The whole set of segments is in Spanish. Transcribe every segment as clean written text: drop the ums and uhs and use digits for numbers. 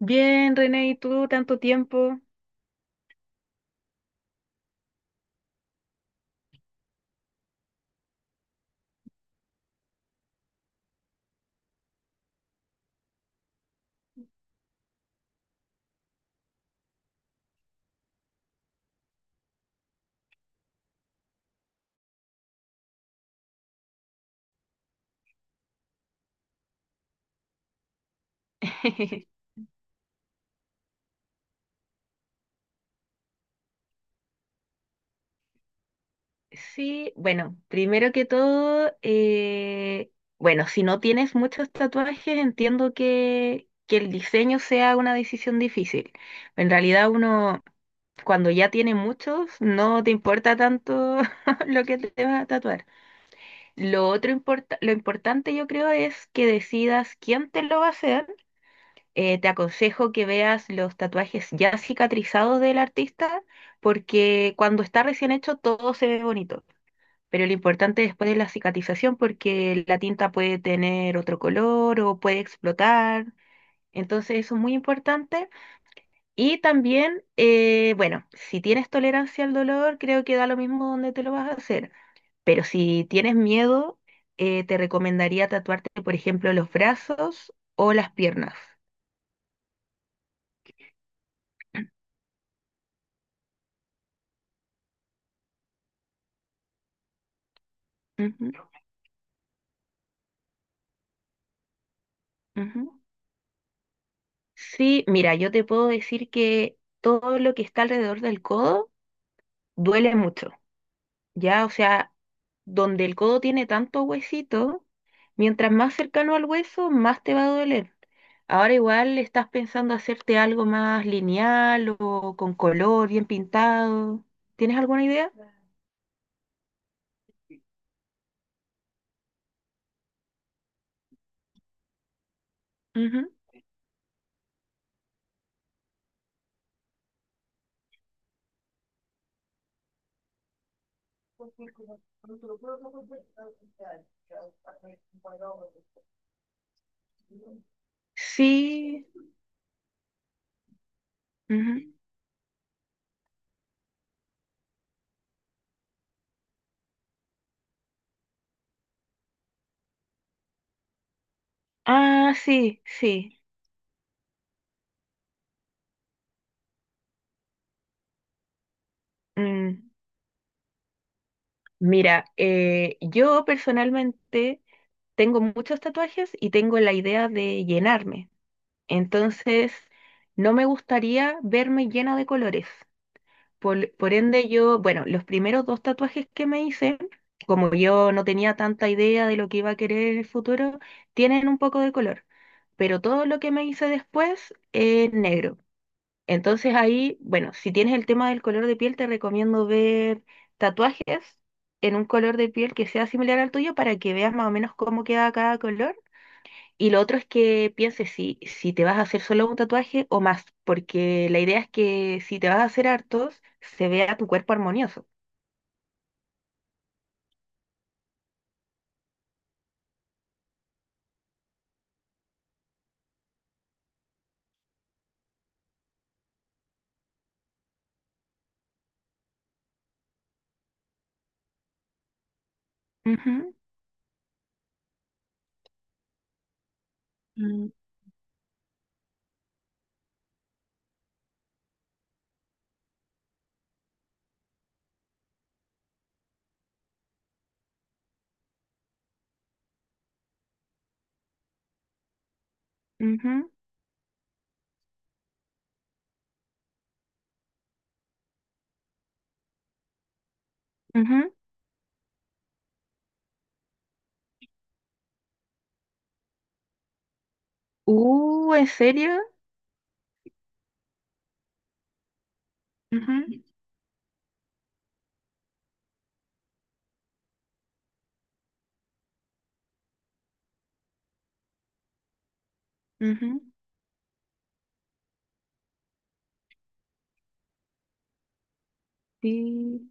Bien, René, ¿y tú tanto tiempo? Sí, bueno, primero que todo, bueno, si no tienes muchos tatuajes, entiendo que el diseño sea una decisión difícil. En realidad uno, cuando ya tiene muchos, no te importa tanto lo que te vas a tatuar. Lo importante yo creo es que decidas quién te lo va a hacer. Te aconsejo que veas los tatuajes ya cicatrizados del artista, porque cuando está recién hecho todo se ve bonito, pero lo importante después es la cicatrización porque la tinta puede tener otro color o puede explotar. Entonces eso es muy importante. Y también, bueno, si tienes tolerancia al dolor, creo que da lo mismo donde te lo vas a hacer. Pero si tienes miedo, te recomendaría tatuarte, por ejemplo, los brazos o las piernas. Ujú. Ujú. Sí, mira, yo te puedo decir que todo lo que está alrededor del codo duele mucho. Ya, o sea, donde el codo tiene tanto huesito, mientras más cercano al hueso, más te va a doler. Ahora igual estás pensando hacerte algo más lineal o con color, bien pintado. ¿Tienes alguna idea? Ujú. Sí. Ujú. Ah, sí, sí. Mm. Mira, yo personalmente tengo muchos tatuajes y tengo la idea de llenarme. Entonces, no me gustaría verme llena de colores. Por ende, yo, bueno, los primeros dos tatuajes que me hice, como yo no tenía tanta idea de lo que iba a querer en el futuro, tienen un poco de color, pero todo lo que me hice después es negro. Entonces ahí, bueno, si tienes el tema del color de piel, te recomiendo ver tatuajes en un color de piel que sea similar al tuyo para que veas más o menos cómo queda cada color, y lo otro es que pienses si te vas a hacer solo un tatuaje o más, porque la idea es que si te vas a hacer hartos, se vea tu cuerpo armonioso. Ujú. Mm. Ujú. Ujú. ¿En serio? Ujú, ujú, sí.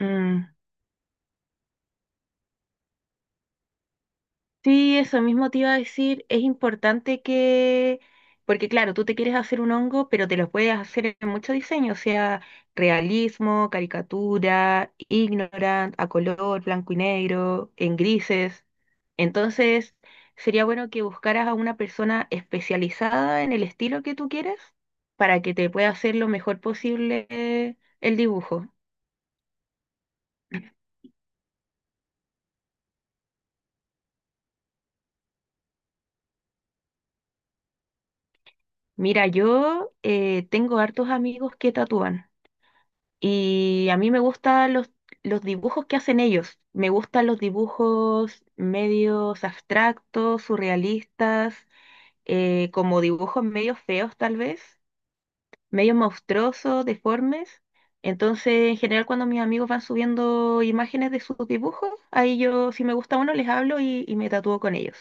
Mm. Sí, eso mismo te iba a decir, es importante que, porque claro, tú te quieres hacer un hongo, pero te lo puedes hacer en mucho diseño, o sea, realismo, caricatura, ignorant, a color, blanco y negro, en grises. Entonces, sería bueno que buscaras a una persona especializada en el estilo que tú quieres para que te pueda hacer lo mejor posible el dibujo. Mira, yo tengo hartos amigos que tatúan. Y a mí me gustan los dibujos que hacen ellos. Me gustan los dibujos medios abstractos, surrealistas, como dibujos medios feos tal vez, medios monstruosos, deformes. Entonces, en general, cuando mis amigos van subiendo imágenes de sus dibujos, ahí yo, si me gusta uno, les hablo y me tatúo con ellos,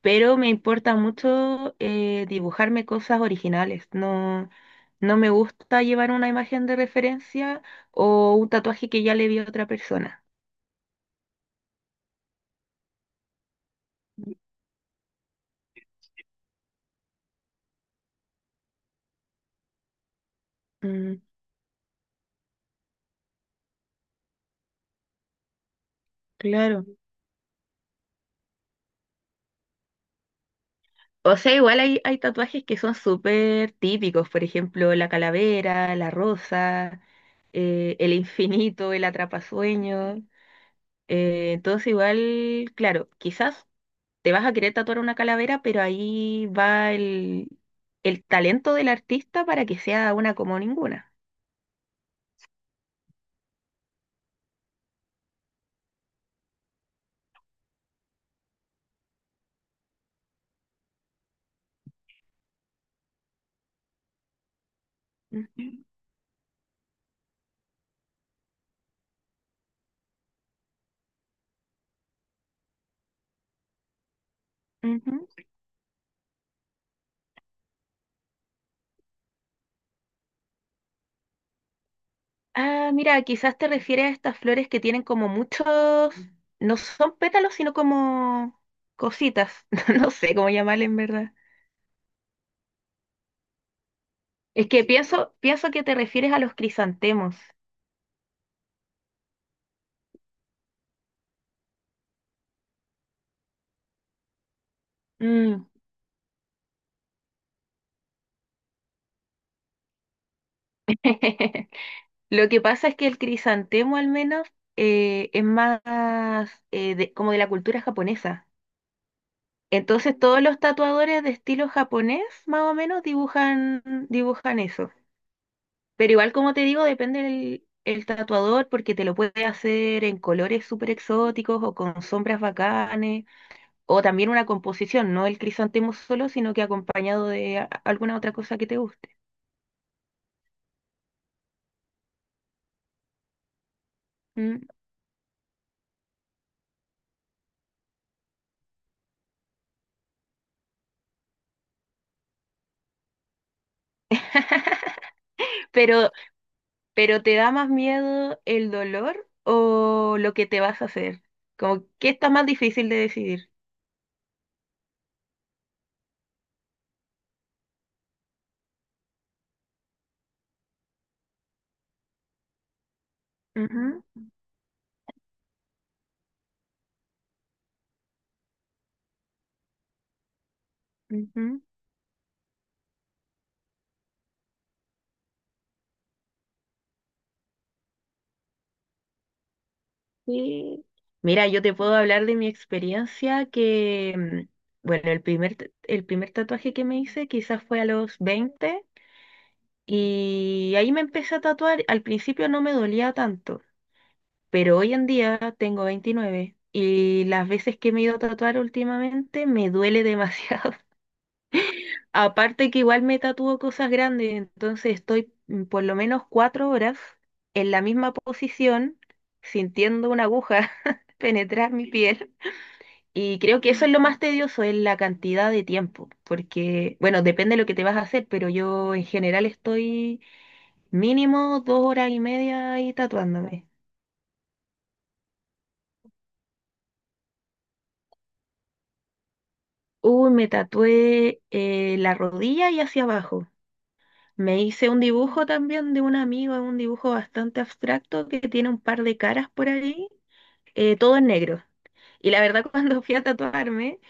pero me importa mucho dibujarme cosas originales. No, no me gusta llevar una imagen de referencia o un tatuaje que ya le vi a otra persona. Mm, claro. O sea, igual hay tatuajes que son súper típicos, por ejemplo, la calavera, la rosa, el infinito, el atrapasueño. Entonces igual, claro, quizás te vas a querer tatuar una calavera, pero ahí va el talento del artista para que sea una como ninguna. Mm. Ujú. Ah, mira, quizás te refieres a estas flores que tienen como muchos, no son pétalos, sino como cositas. No sé cómo llamarle en verdad. Es que pienso que te refieres a los crisantemos. Mm. Lo que pasa es que el crisantemo al menos es más como de la cultura japonesa. Entonces todos los tatuadores de estilo japonés, más o menos, dibujan eso. Pero igual, como te digo, depende del el tatuador porque te lo puede hacer en colores súper exóticos o con sombras bacanes, o también una composición, no el crisantemo solo, sino que acompañado de alguna otra cosa que te guste. ¿Mm? Pero, pero ¿te da más miedo el dolor o lo que te vas a hacer? Como, ¿qué está más difícil de decidir? Ujú, ujú. Sí. Mira, yo te puedo hablar de mi experiencia que, bueno, el primer tatuaje que me hice quizás fue a los 20 y ahí me empecé a tatuar. Al principio no me dolía tanto, pero hoy en día tengo 29 y las veces que me he ido a tatuar últimamente me duele demasiado. Aparte que igual me tatúo cosas grandes, entonces estoy por lo menos 4 horas en la misma posición sintiendo una aguja penetrar mi piel. Y creo que eso es lo más tedioso, es la cantidad de tiempo, porque, bueno, depende de lo que te vas a hacer, pero yo en general estoy mínimo 2 horas y media ahí tatuándome. Uy, me tatué la rodilla y hacia abajo. Me hice un dibujo también de un amigo, un dibujo bastante abstracto que tiene un par de caras por ahí, todo en negro. Y la verdad, cuando fui a tatuarme,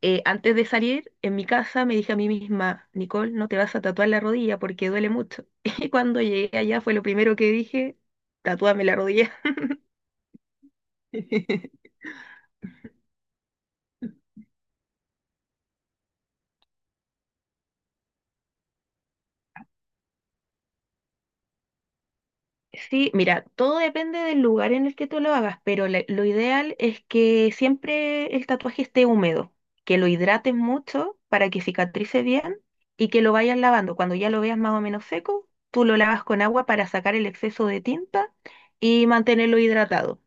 antes de salir, en mi casa me dije a mí misma: Nicole, no te vas a tatuar la rodilla porque duele mucho. Y cuando llegué allá fue lo primero que dije, tatúame la rodilla. Sí, mira, todo depende del lugar en el que tú lo hagas, pero lo ideal es que siempre el tatuaje esté húmedo, que lo hidrates mucho para que cicatrice bien y que lo vayas lavando. Cuando ya lo veas más o menos seco, tú lo lavas con agua para sacar el exceso de tinta y mantenerlo hidratado.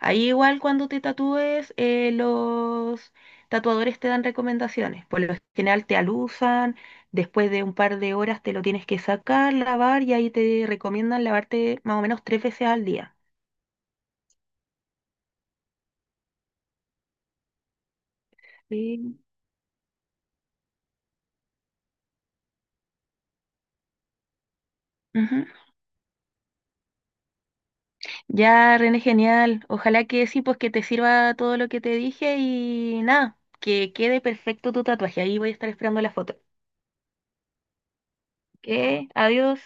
Ahí igual cuando te tatúes, los tatuadores te dan recomendaciones. Por lo general te alusan, después de un par de horas te lo tienes que sacar, lavar y ahí te recomiendan lavarte más o menos tres veces al día. Sí. Ujú. Ya, René, genial. Ojalá que sí, pues que te sirva todo lo que te dije y nada, que quede perfecto tu tatuaje. Ahí voy a estar esperando la foto. ¿Qué? Adiós.